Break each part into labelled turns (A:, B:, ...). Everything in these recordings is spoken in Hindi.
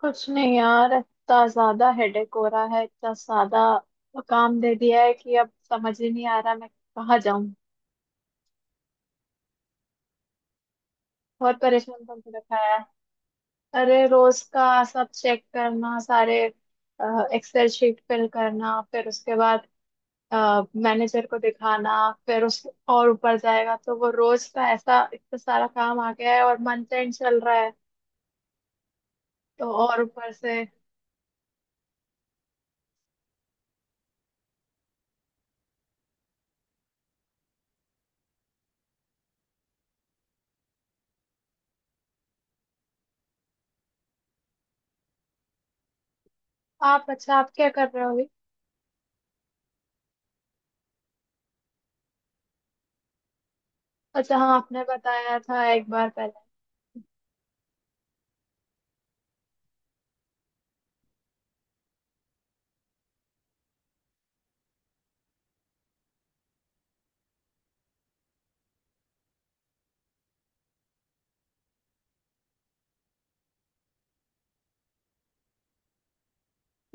A: कुछ नहीं यार, इतना ज्यादा हेडेक हो रहा है। इतना ज्यादा काम दे दिया है कि अब समझ ही नहीं आ रहा मैं कहाँ जाऊं। बहुत परेशान करके रखा है। अरे रोज का सब चेक करना, सारे एक्सेल शीट फिल करना, फिर उसके बाद मैनेजर को दिखाना, फिर उस और ऊपर जाएगा। तो वो रोज का ऐसा इतना सारा काम आ गया है और मंथ एंड चल रहा है। तो और ऊपर से आप, अच्छा आप क्या कर रहे हो अभी? अच्छा हाँ, आपने बताया था एक बार पहले।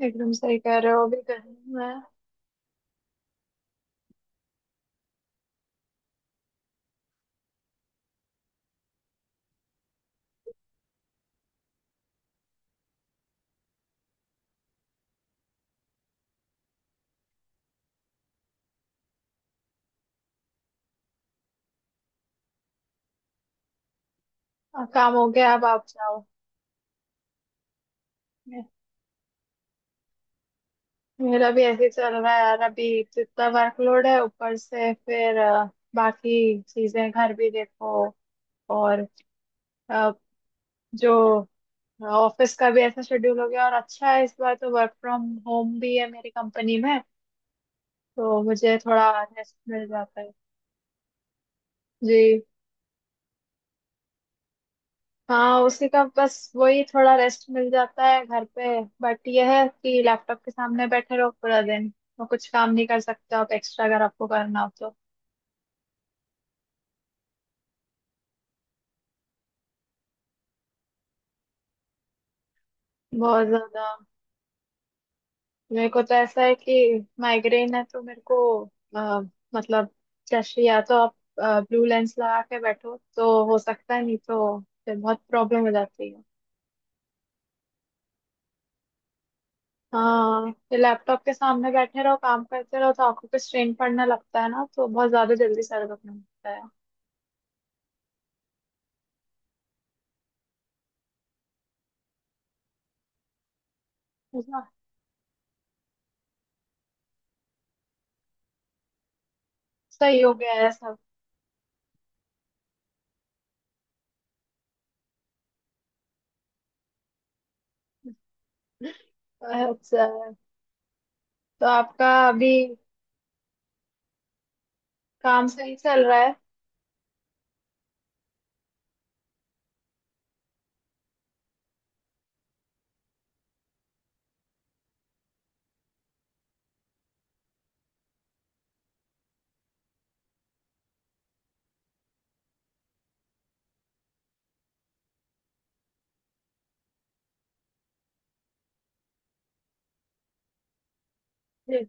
A: एकदम सही कह रहे हो, अभी गर्मी में काम हो गया अब आप जाओ। मे- मेरा भी ऐसे ही चल रहा है यार। अभी जितना वर्कलोड है ऊपर से, फिर बाकी चीजें घर भी देखो और अ, जो ऑफिस का भी ऐसा शेड्यूल हो गया। और अच्छा है इस बार तो, वर्क फ्रॉम होम भी है मेरी कंपनी में, तो मुझे थोड़ा रेस्ट मिल जाता है। जी। हाँ, उसी का बस, वही थोड़ा रेस्ट मिल जाता है घर पे। बट यह है कि लैपटॉप के सामने बैठे रहो पूरा दिन, और कुछ काम नहीं कर सकते आप एक्स्ट्रा अगर आपको करना हो तो। बहुत ज्यादा। मेरे को तो ऐसा है कि माइग्रेन है, तो मेरे को अ, मतलब जैसे या तो आप ब्लू लेंस लगा के बैठो तो हो सकता है, नहीं तो फिर बहुत प्रॉब्लम हो जाती है। हाँ, फिर लैपटॉप के सामने बैठे रहो, काम करते रहो, तो आपको कुछ स्ट्रेन पड़ने लगता है ना, तो बहुत ज्यादा जल्दी सर दुखने लगता है। सही हो गया है सब। अच्छा, तो आपका अभी काम सही चल रहा है। हम्म,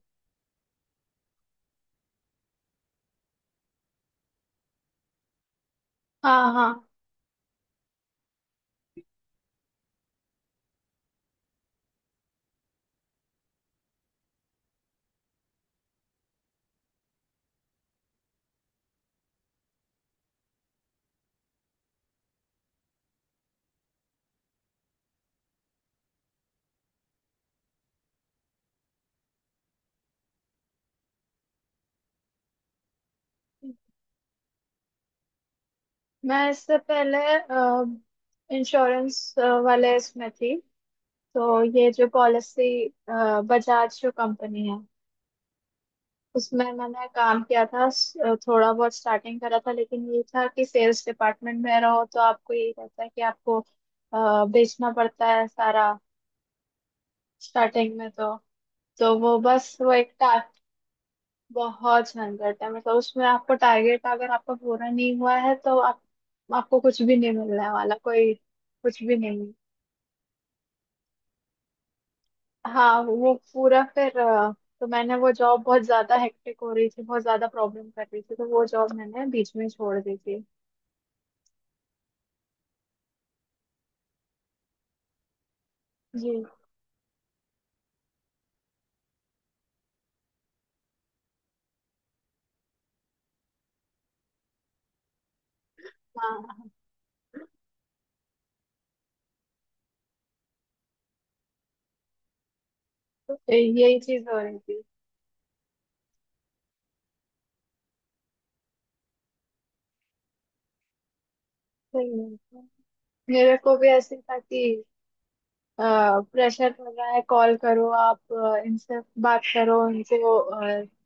A: हाँ हाँ। मैं इससे पहले इंश्योरेंस वाले इसमें थी। तो ये जो पॉलिसी, बजाज जो कंपनी है, उसमें मैंने काम किया था। थोड़ा बहुत स्टार्टिंग करा था। लेकिन ये था कि सेल्स डिपार्टमेंट में रहो तो आपको यही रहता है कि आपको बेचना पड़ता है सारा स्टार्टिंग में तो। तो वो बस वो एक टा, बहुत झंझट है मतलब उसमें। आपको टारगेट अगर आपका पूरा नहीं हुआ है तो आप, आपको कुछ भी नहीं मिलने वाला, कोई कुछ भी नहीं। हाँ, वो पूरा फिर तो मैंने वो जॉब, बहुत ज्यादा हेक्टिक हो रही थी, बहुत ज्यादा प्रॉब्लम कर रही थी, तो वो जॉब मैंने बीच में छोड़ दी थी। जी। हाँ, तो यही चीज हो रही थी। सही है। मेरे को भी ऐसी था कि प्रेशर पड़ रहा है, कॉल करो आप, इनसे बात करो, इनसे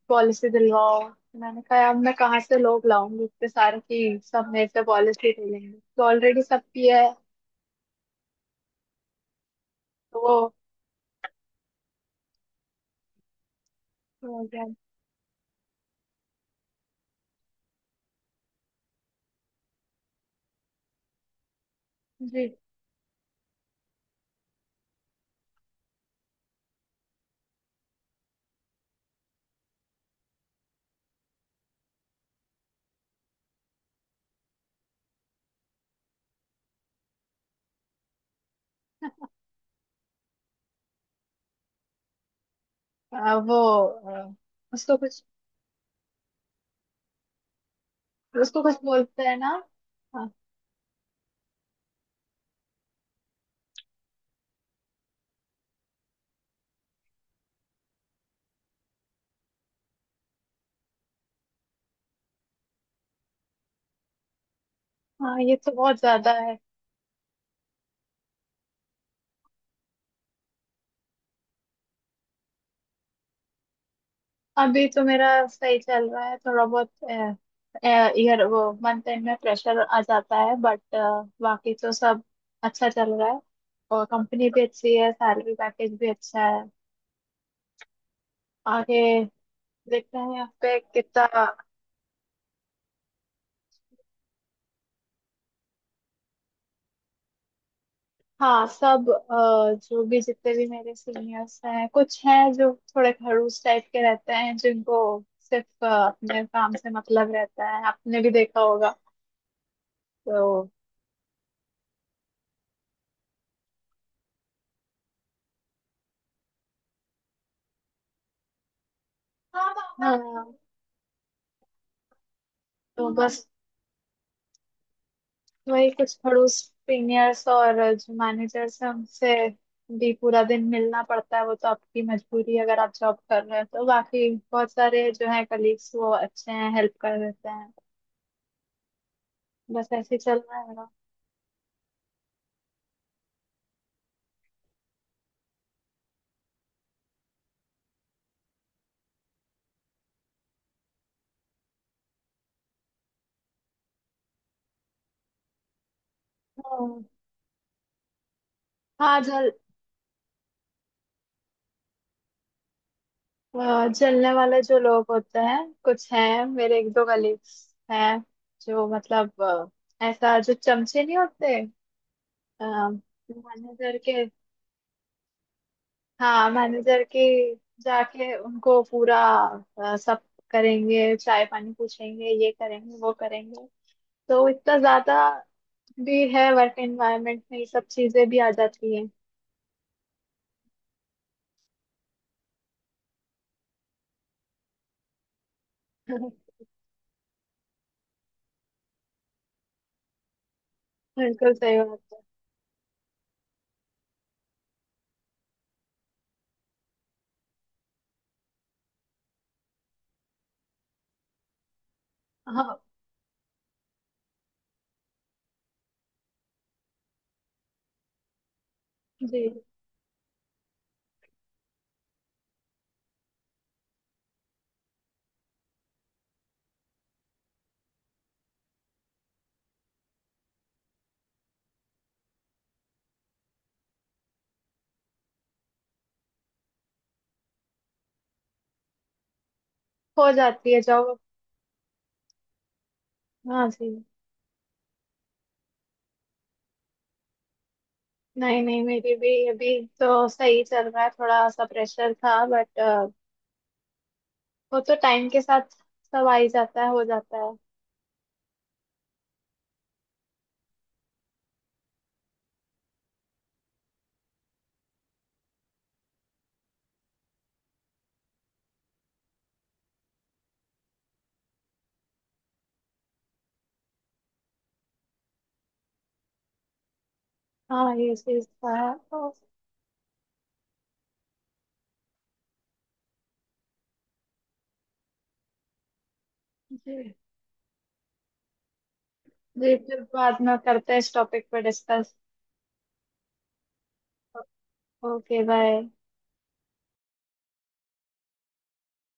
A: पॉलिसी दिलवाओ। मैंने कहा अब मैं कहाँ से लोग लाऊंगी इतने सारे की सब मेरे से पॉलिसी ले लेंगे, तो ऑलरेडी सब किया है। तो वो, वो क्या- जी। अ, वो अ, उसको कुछ, उसको कुछ बोलते हैं ना। हाँ। हाँ, ये तो बहुत ज्यादा है। अभी तो मेरा सही चल रहा है थोड़ा बहुत। ईयर, वो मंथ एंड में प्रेशर आ जाता है, बट बाकी तो सब अच्छा चल रहा है। और कंपनी भी अच्छी है, सैलरी पैकेज भी अच्छा है। आगे देखते हैं यहाँ पे कितना। हाँ, सब जो भी जितने भी मेरे सीनियर्स हैं, कुछ हैं जो थोड़े खड़ूस टाइप के रहते हैं, जिनको सिर्फ अपने काम से मतलब रहता है। आपने भी देखा होगा तो। हाँ। तो बस वही कुछ पड़ोस, सीनियर्स और जो मैनेजर, से उनसे भी पूरा दिन मिलना पड़ता है, वो तो आपकी मजबूरी है अगर आप जॉब कर रहे हो तो। बाकी बहुत सारे जो है कलीग्स वो अच्छे हैं, हेल्प कर देते हैं। बस ऐसे ही चल रहा है मेरा। हाँ। हाँ, जल जलने वाले जो लोग होते हैं, कुछ हैं मेरे एक दो कलीग्स हैं जो मतलब ऐसा जो चमचे नहीं होते मैनेजर के। हाँ, मैनेजर के जाके उनको पूरा सब करेंगे, चाय पानी पूछेंगे, ये करेंगे वो करेंगे। तो इतना ज्यादा भी है, वर्क एनवायरनमेंट में ये सब चीजें भी आ जाती हैं। बिल्कुल सही बात है। हाँ जी, हो जाती है जॉब। हाँ जी, नहीं नहीं, मेरी भी अभी तो सही चल रहा है। थोड़ा सा प्रेशर था बट वो तो टाइम के साथ सब आ ही जाता है, हो जाता है। हाँ, ये चीज था तो। जी, जी फिर बाद में करते हैं इस टॉपिक पर डिस्कस। Okay, bye.